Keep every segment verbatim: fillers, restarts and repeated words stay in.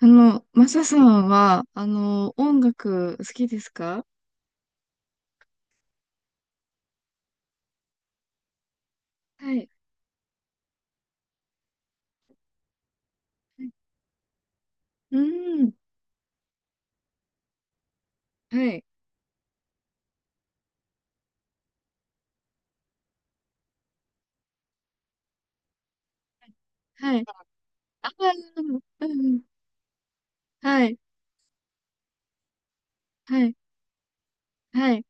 あの、マサさんは、あの、音楽好きですか？はい。うん。はい。はい。ああ、うん。はい。はい。はい。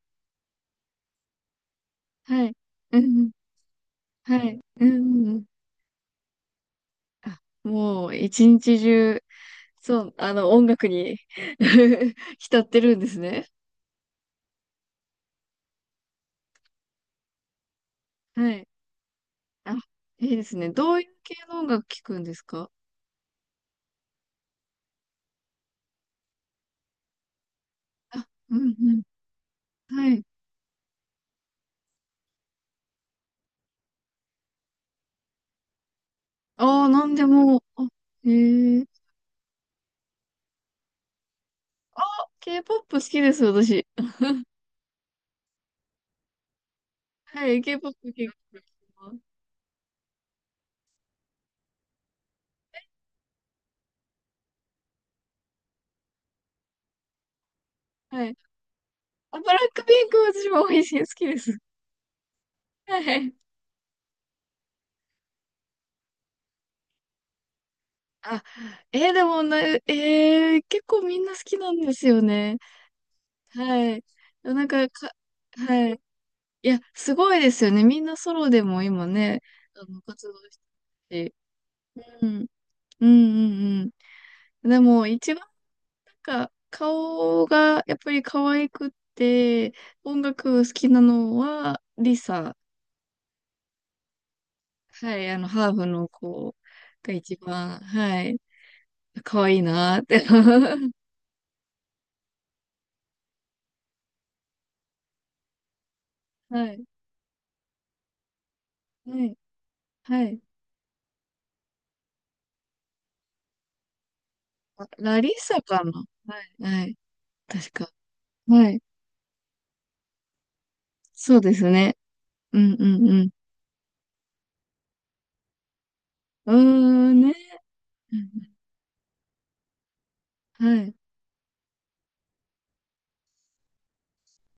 はい。うん。はい。うん。あ、もう、一日中、そう、あの、音楽に 浸ってるんですね。はい。あ、いいですね。どういう系の音楽聴くんですか？あ、うん、うん。はい。ああ、なんでも。あ、へえ。K-ケーポップ 好きです、私。はい、K-ケーポップ 結構好きです。はい。あ、ブラックピンクは私も美味しい好きです。はい。あ、えーでもな、えー結構みんな好きなんですよね。はい。なんか、か、はい。いや、すごいですよね。みんなソロでも今ね、あの、活動してるし。うん。うんうんうん。でも、一番、なんか、顔がやっぱり可愛くって、音楽好きなのは、リサ。はい、あの、ハーフの子が一番、はい、可愛いなーって。はい、はい、はい。あ、ラリッサかな。はい、はい、確か。はい、そうですね。うん、うん、うん。うーん、ね。うん。はい。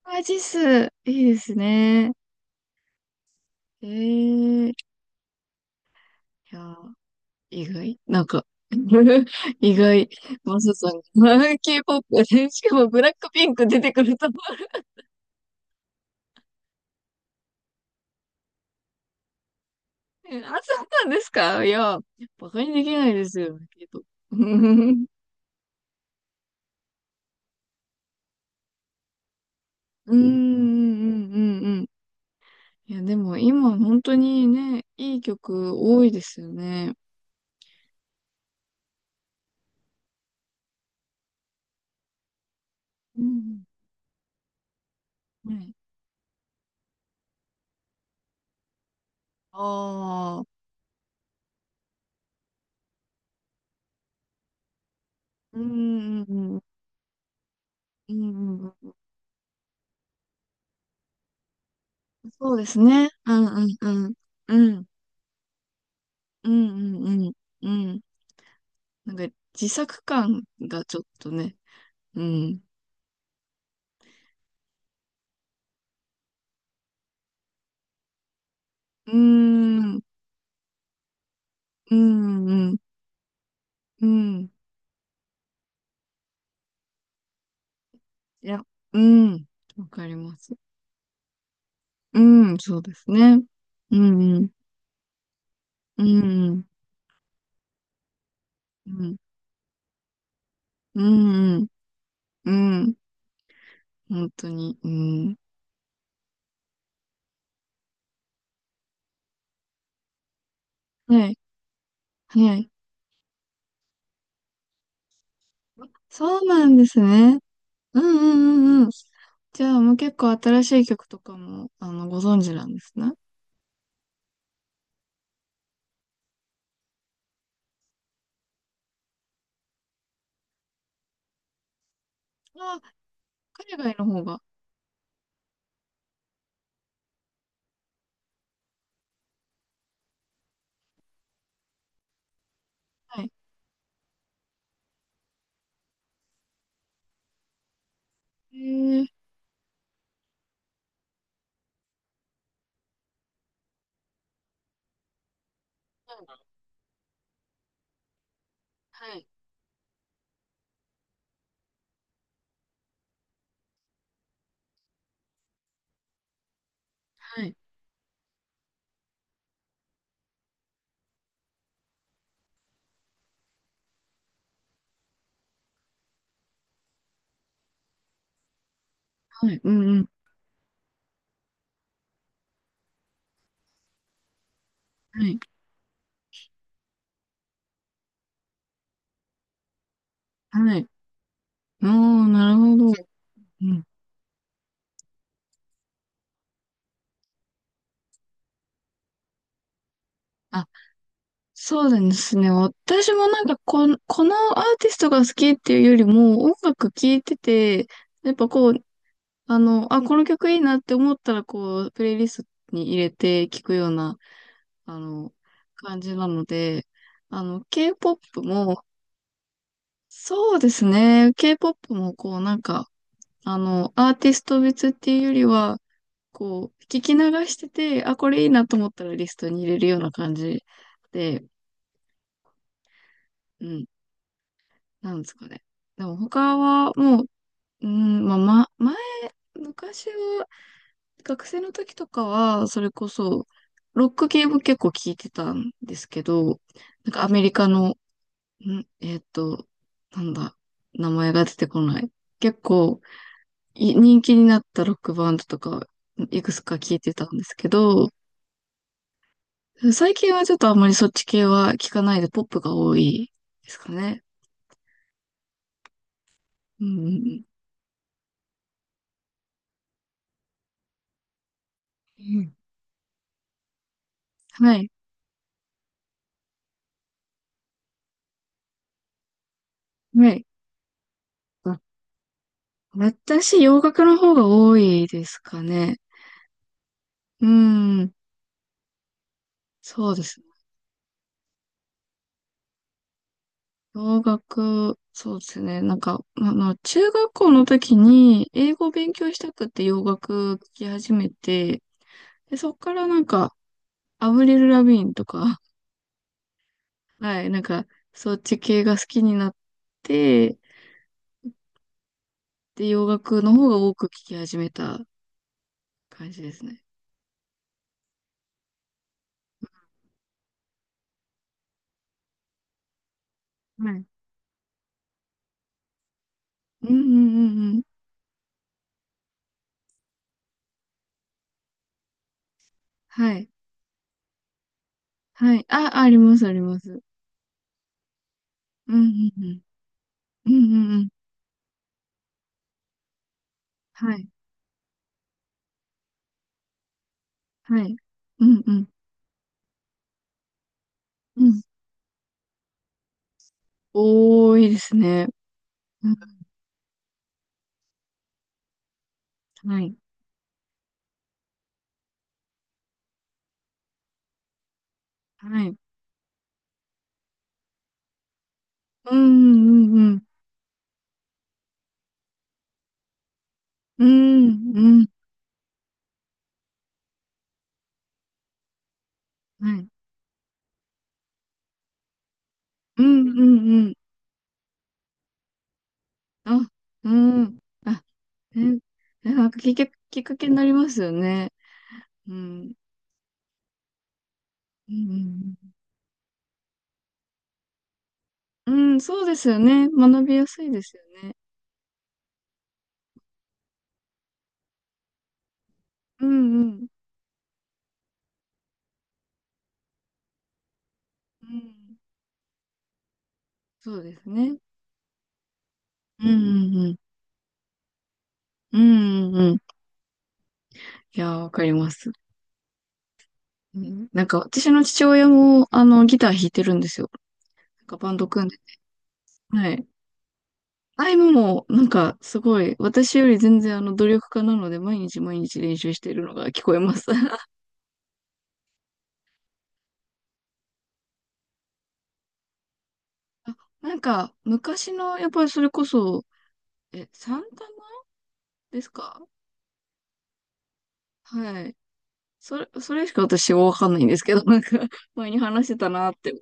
アジス、いいですね。えー、いやー、意外なんか、意外、マサさんが、k ポップで、しかもブラックピンク出てくるとは。えあ、そうなんですか？いや、バカにできないですよ、けど。うんうんうんうんうん。いや、でも今本当にね、いい曲多いですよね。うん。はい。ああ、うんうんうん。うんうんうん。そうですね。うんうんうん。うん。うんうんうん。うん。なんか自作感がちょっとね。うん。うーん。うんうん。うん。いや、うん。わかります。うん、そうですね。うん、うん、うん、うん、うん、うん、うん本当に、うん。はい、はい。そうなんですね。うん、うん、うん、うん。じゃあ、もう結構新しい曲とかも、あの、ご存知なんですね。あ、海外の方が。はい。へえー、はい、はい、はい、はい、うん、うん、はい、はい。おー、なるほど。うん。そうなんですね。私もなんかこの、このアーティストが好きっていうよりも、音楽聴いてて、やっぱこう、あの、あ、この曲いいなって思ったら、こう、プレイリストに入れて聴くような、あの、感じなので、あの、K-ケーポップ も、そうですね。K-ケーポップ もこう、なんか、あの、アーティスト別っていうよりは、こう、聞き流してて、あ、これいいなと思ったらリストに入れるような感じで、うん。なんですかね。でも他はもう、うん、まあ、ま、前、昔は、学生の時とかは、それこそ、ロック系も結構聞いてたんですけど、なんかアメリカの、ん、えーっと、なんだ、名前が出てこない。結構、い人気になったロックバンドとか、いくつか聞いてたんですけど、最近はちょっとあんまりそっち系は聞かないで、ポップが多いですかね。うんうんうん。うん。はい。はい。私、洋楽の方が多いですかね。うん。そうですね。洋楽、そうですね。なんか、ままあの、中学校の時に英語を勉強したくて洋楽聴き始めて、で、そっからなんか、アブリル・ラビーンとか、はい、なんか、そっち系が好きになって、で、洋楽の方が多く聴き始めた感じですね。はい。うんうんうんうん。はい。はい。あ、あります、あります。うんうんうん。うんうんうん。はい。はい。うんうん。うん。多いいですね。うん。はい。はい。うんうんうん。うんうん。はい。うんうんうん。あ、うん。あ、え、えなんかきっかけ、きっかけになりますよね。うん。うんうんうん。うん、そうですよね。学びやすいですよね。うんうん。うん。そうですね。うんうんうん。うんうんうん。いやー、わかります。うん。なんか私の父親もあのギター弾いてるんですよ。なんかバンド組んで。はい。あいもも、なんか、すごい、私より全然あの、努力家なので、毎日毎日練習しているのが聞こえます。あ、なんか、昔の、やっぱりそれこそ、え、サンタナですか？はい。それ、それしか私はわかんないんですけど、なんか、前に話してたなって。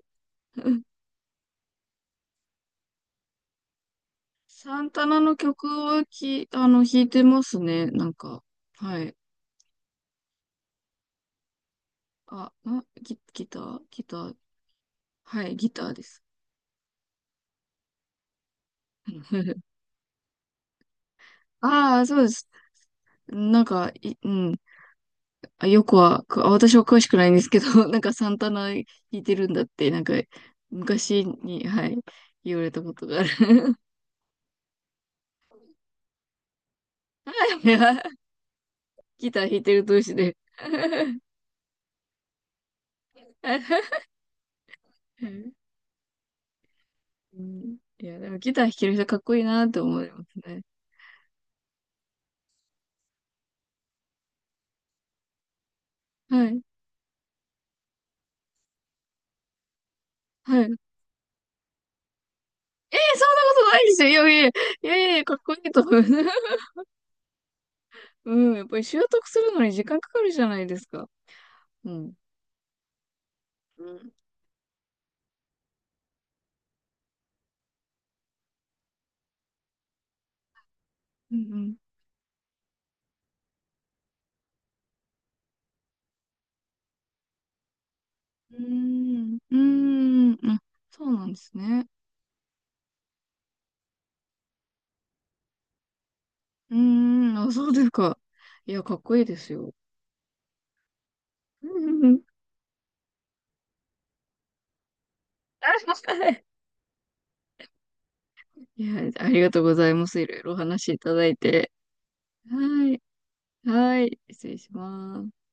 サンタナの曲をき、あの、弾いてますね、なんか。はい。あ、あギ、ギターギターはい、ギターです。ああ、そうです。なんか、い、うん。あ、よくは、くあ私は詳しくないんですけど、なんかサンタナ弾いてるんだって、なんか昔に、はい、言われたことがある。ギター弾いてる同士で。うん。いや、でもギター弾ける人かっこいいなって思いますね。はい。はい。えー、そんなことないですよ。いやいや、いやいやいや、かっこいいと思う。うん、やっぱり習得するのに時間かかるじゃないですか。うん。うん。うんうん。うん。うん。あ、そうなんですね。うーん、あ、そうですか。いや、かっこいいですよ。うんうんうん。あ、はい。いや、ありがとうございます。いろいろお話しいただいて。はい。はい。失礼します。